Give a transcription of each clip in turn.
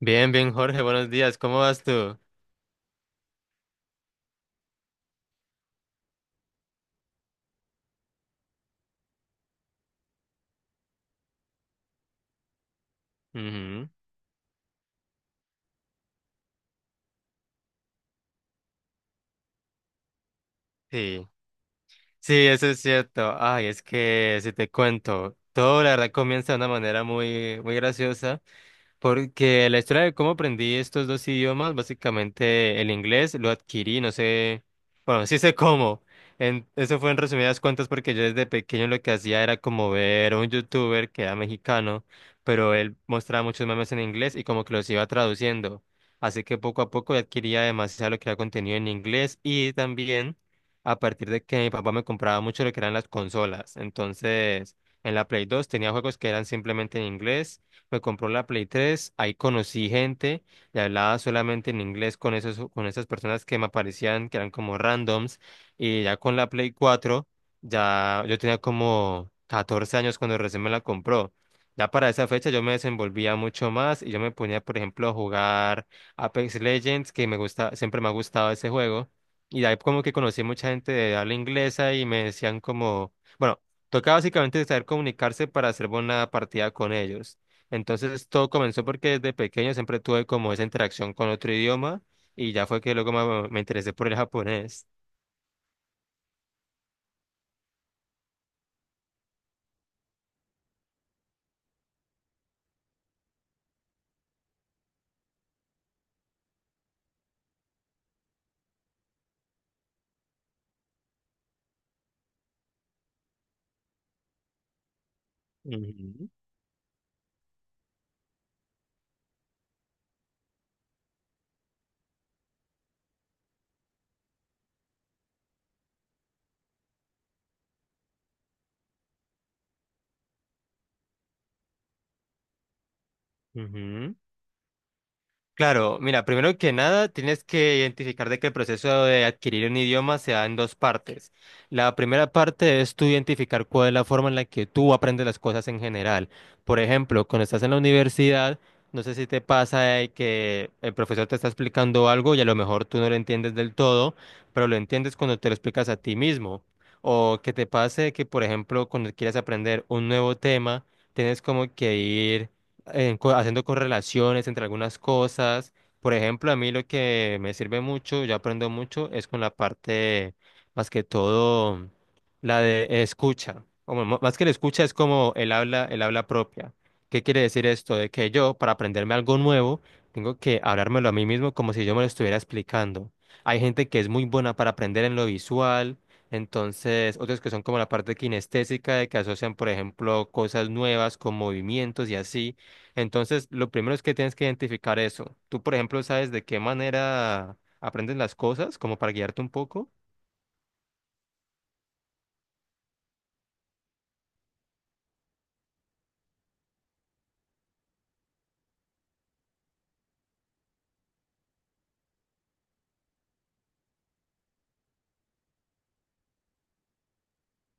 Bien, bien, Jorge, buenos días. ¿Cómo vas tú? Ujú. Sí, sí, eso es cierto. Ay, es que si te cuento, todo la verdad comienza de una manera muy, muy graciosa. Porque la historia de cómo aprendí estos dos idiomas, básicamente el inglés lo adquirí, no sé, bueno, sí sé cómo. Eso fue en resumidas cuentas porque yo desde pequeño lo que hacía era como ver a un youtuber que era mexicano, pero él mostraba muchos memes en inglés y como que los iba traduciendo. Así que poco a poco adquiría demasiado lo que era contenido en inglés y también a partir de que mi papá me compraba mucho lo que eran las consolas. Entonces, en la Play 2 tenía juegos que eran simplemente en inglés. Me compró la Play 3, ahí conocí gente y hablaba solamente en inglés con esas personas que me aparecían, que eran como randoms, y ya con la Play 4, ya yo tenía como 14 años cuando recién me la compró. Ya para esa fecha yo me desenvolvía mucho más y yo me ponía, por ejemplo, a jugar Apex Legends, que me gusta, siempre me ha gustado ese juego. Y de ahí como que conocí mucha gente de habla inglesa y me decían como, bueno, tocaba básicamente saber comunicarse para hacer buena partida con ellos. Entonces todo comenzó porque desde pequeño siempre tuve como esa interacción con otro idioma y ya fue que luego me interesé por el japonés. Ujú, ujú. Claro, mira, primero que nada tienes que identificar de que el proceso de adquirir un idioma se da en dos partes. La primera parte es tú identificar cuál es la forma en la que tú aprendes las cosas en general. Por ejemplo, cuando estás en la universidad, no sé si te pasa de que el profesor te está explicando algo y a lo mejor tú no lo entiendes del todo, pero lo entiendes cuando te lo explicas a ti mismo. O que te pase que, por ejemplo, cuando quieres aprender un nuevo tema, tienes como que ir haciendo correlaciones entre algunas cosas. Por ejemplo, a mí lo que me sirve mucho, yo aprendo mucho, es con la parte, más que todo, la de escucha. O más que la escucha es como el habla propia. ¿Qué quiere decir esto? De que yo, para aprenderme algo nuevo, tengo que hablármelo a mí mismo como si yo me lo estuviera explicando. Hay gente que es muy buena para aprender en lo visual, entonces otros que son como la parte kinestésica, de que asocian, por ejemplo, cosas nuevas con movimientos y así. Entonces, lo primero es que tienes que identificar eso. Tú, por ejemplo, sabes de qué manera aprendes las cosas, como para guiarte un poco.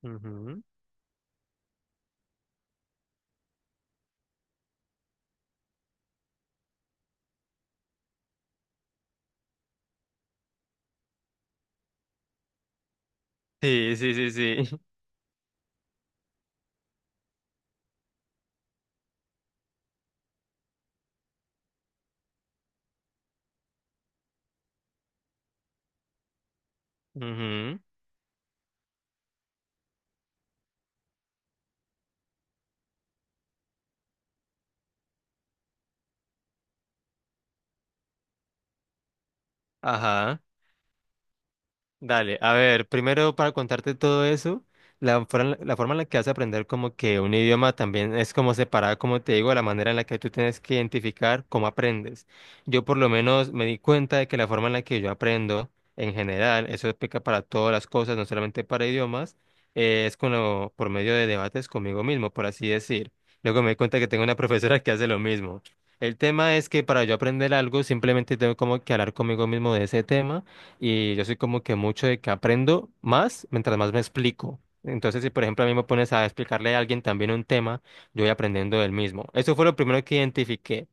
Ujú. Sí, sí, sí, sí. Ujú. Ajá. Dale, a ver, primero para contarte todo eso, la forma en la que vas a aprender como que un idioma también es como separada, como te digo, de la manera en la que tú tienes que identificar cómo aprendes. Yo por lo menos me di cuenta de que la forma en la que yo aprendo en general, eso explica para todas las cosas, no solamente para idiomas, es por medio de debates conmigo mismo, por así decir. Luego me di cuenta que tengo una profesora que hace lo mismo. El tema es que para yo aprender algo simplemente tengo como que hablar conmigo mismo de ese tema y yo soy como que mucho de que aprendo más mientras más me explico. Entonces, si por ejemplo a mí me pones a explicarle a alguien también un tema, yo voy aprendiendo del mismo. Eso fue lo primero que identifiqué.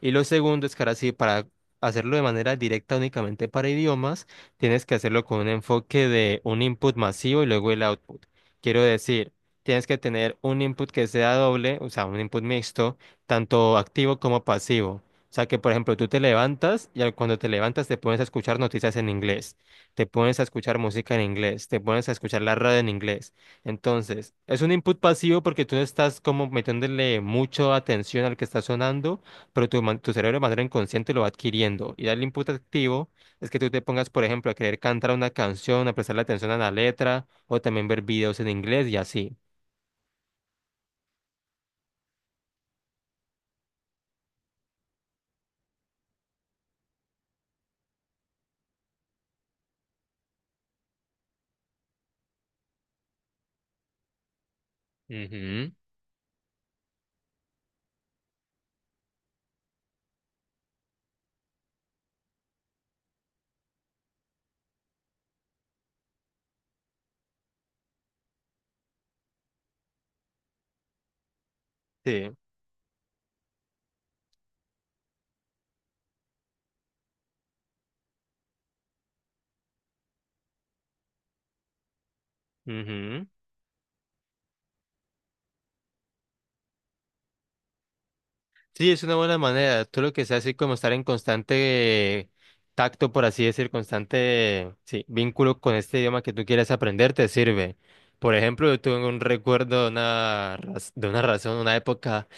Y lo segundo es que ahora sí, para hacerlo de manera directa únicamente para idiomas, tienes que hacerlo con un enfoque de un input masivo y luego el output. Quiero decir, tienes que tener un input que sea doble, o sea, un input mixto, tanto activo como pasivo. O sea que, por ejemplo, tú te levantas cuando te levantas te pones a escuchar noticias en inglés, te pones a escuchar música en inglés, te pones a escuchar la radio en inglés. Entonces, es un input pasivo porque tú no estás como metiéndole mucha atención al que está sonando, pero tu cerebro de manera inconsciente lo va adquiriendo. Y el input activo es que tú te pongas, por ejemplo, a querer cantar una canción, a prestarle atención a la letra, o también ver videos en inglés y así. Ujú. Sí. Ujú. Sí, es una buena manera. Tú lo que sea así como estar en constante tacto, por así decir, constante, sí, vínculo con este idioma que tú quieres aprender, te sirve. Por ejemplo, yo tuve un recuerdo de una razón, una época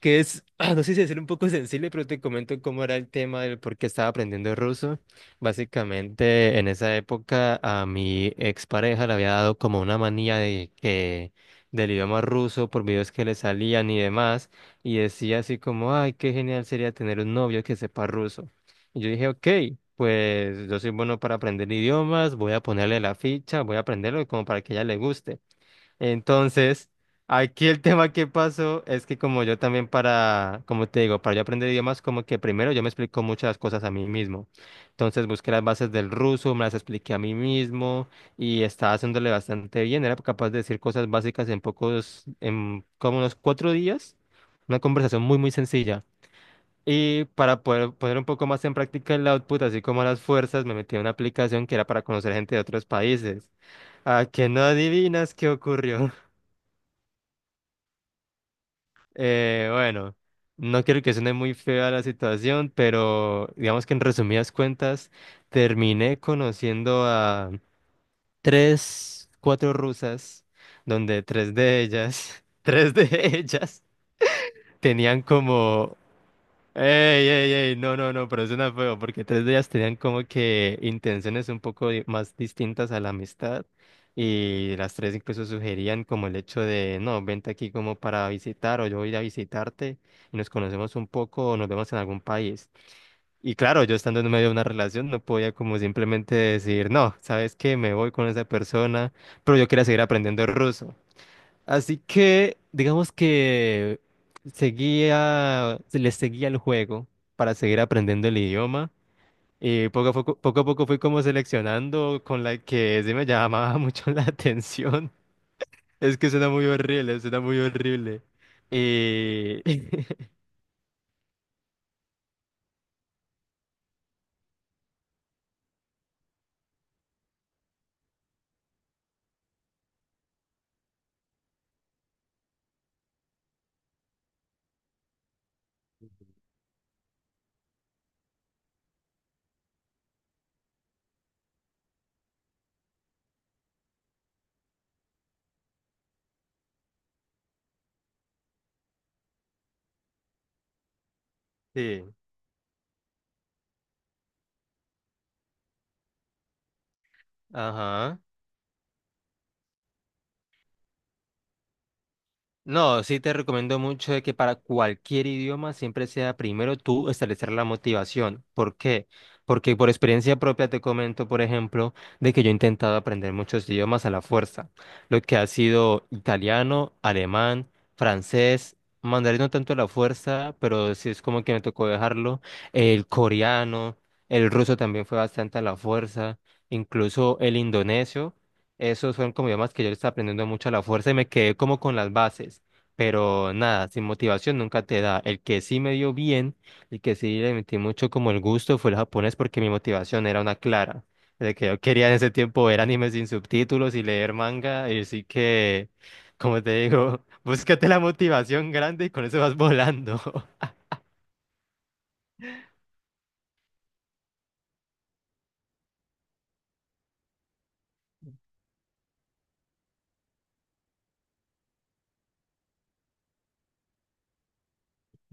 que es, ah, no sé si decir un poco sensible, pero te comento cómo era el tema del por qué estaba aprendiendo ruso. Básicamente, en esa época a mi expareja le había dado como una manía de que del idioma ruso por videos que le salían y demás y decía así como, ay, qué genial sería tener un novio que sepa ruso. Y yo dije, ok, pues yo soy bueno para aprender idiomas, voy a ponerle la ficha, voy a aprenderlo como para que a ella le guste. Entonces, aquí el tema que pasó es que como yo también para, como te digo, para yo aprender idiomas, como que primero yo me explico muchas cosas a mí mismo. Entonces busqué las bases del ruso, me las expliqué a mí mismo y estaba haciéndole bastante bien. Era capaz de decir cosas básicas en como unos 4 días. Una conversación muy, muy sencilla. Y para poder poner un poco más en práctica el output, así como las fuerzas, me metí a una aplicación que era para conocer gente de otros países. A que no adivinas qué ocurrió. Bueno, no quiero que suene muy fea la situación, pero digamos que en resumidas cuentas terminé conociendo a tres, cuatro rusas, donde tres de ellas, tres de ellas tenían como Ey, ey, ey, no, no, no, pero suena feo, porque tres de ellas tenían como que intenciones un poco más distintas a la amistad, y las tres incluso sugerían como el hecho de, no, vente aquí como para visitar, o yo voy a ir a visitarte, y nos conocemos un poco, o nos vemos en algún país. Y claro, yo estando en medio de una relación, no podía como simplemente decir, no, ¿sabes qué? Me voy con esa persona, pero yo quería seguir aprendiendo ruso. Así que, digamos que se le seguía el juego para seguir aprendiendo el idioma. Y poco a poco fui como seleccionando con la que sí me llamaba mucho la atención. Es que suena muy horrible, suena muy horrible. Y... Sí, ajá. No, sí te recomiendo mucho de que para cualquier idioma siempre sea primero tú establecer la motivación. ¿Por qué? Porque por experiencia propia te comento, por ejemplo, de que yo he intentado aprender muchos idiomas a la fuerza, lo que ha sido italiano, alemán, francés, mandarín no tanto a la fuerza, pero sí es como que me tocó dejarlo, el coreano, el ruso también fue bastante a la fuerza, incluso el indonesio. Esos fueron como idiomas que yo le estaba aprendiendo mucho a la fuerza y me quedé como con las bases. Pero nada, sin motivación nunca te da. El que sí me dio bien, el que sí le metí mucho como el gusto fue el japonés porque mi motivación era una clara. De que yo quería en ese tiempo ver animes sin subtítulos y leer manga. Y así que, como te digo, búscate la motivación grande y con eso vas volando.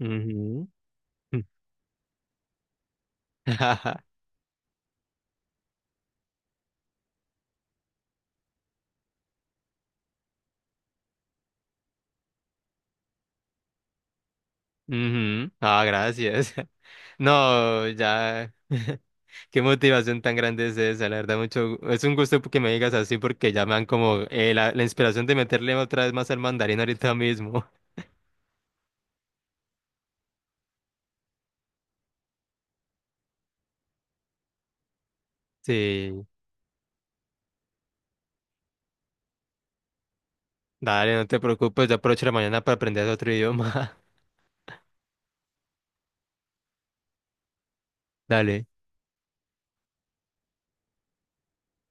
Ujú. Ujú. Ah, gracias. No, ya. Qué motivación tan grande es esa, la verdad, mucho. Es un gusto que me digas así porque ya me dan como la inspiración de meterle otra vez más al mandarín ahorita mismo. Sí, dale, no te preocupes, ya aprovecho la mañana para aprender otro idioma. Dale.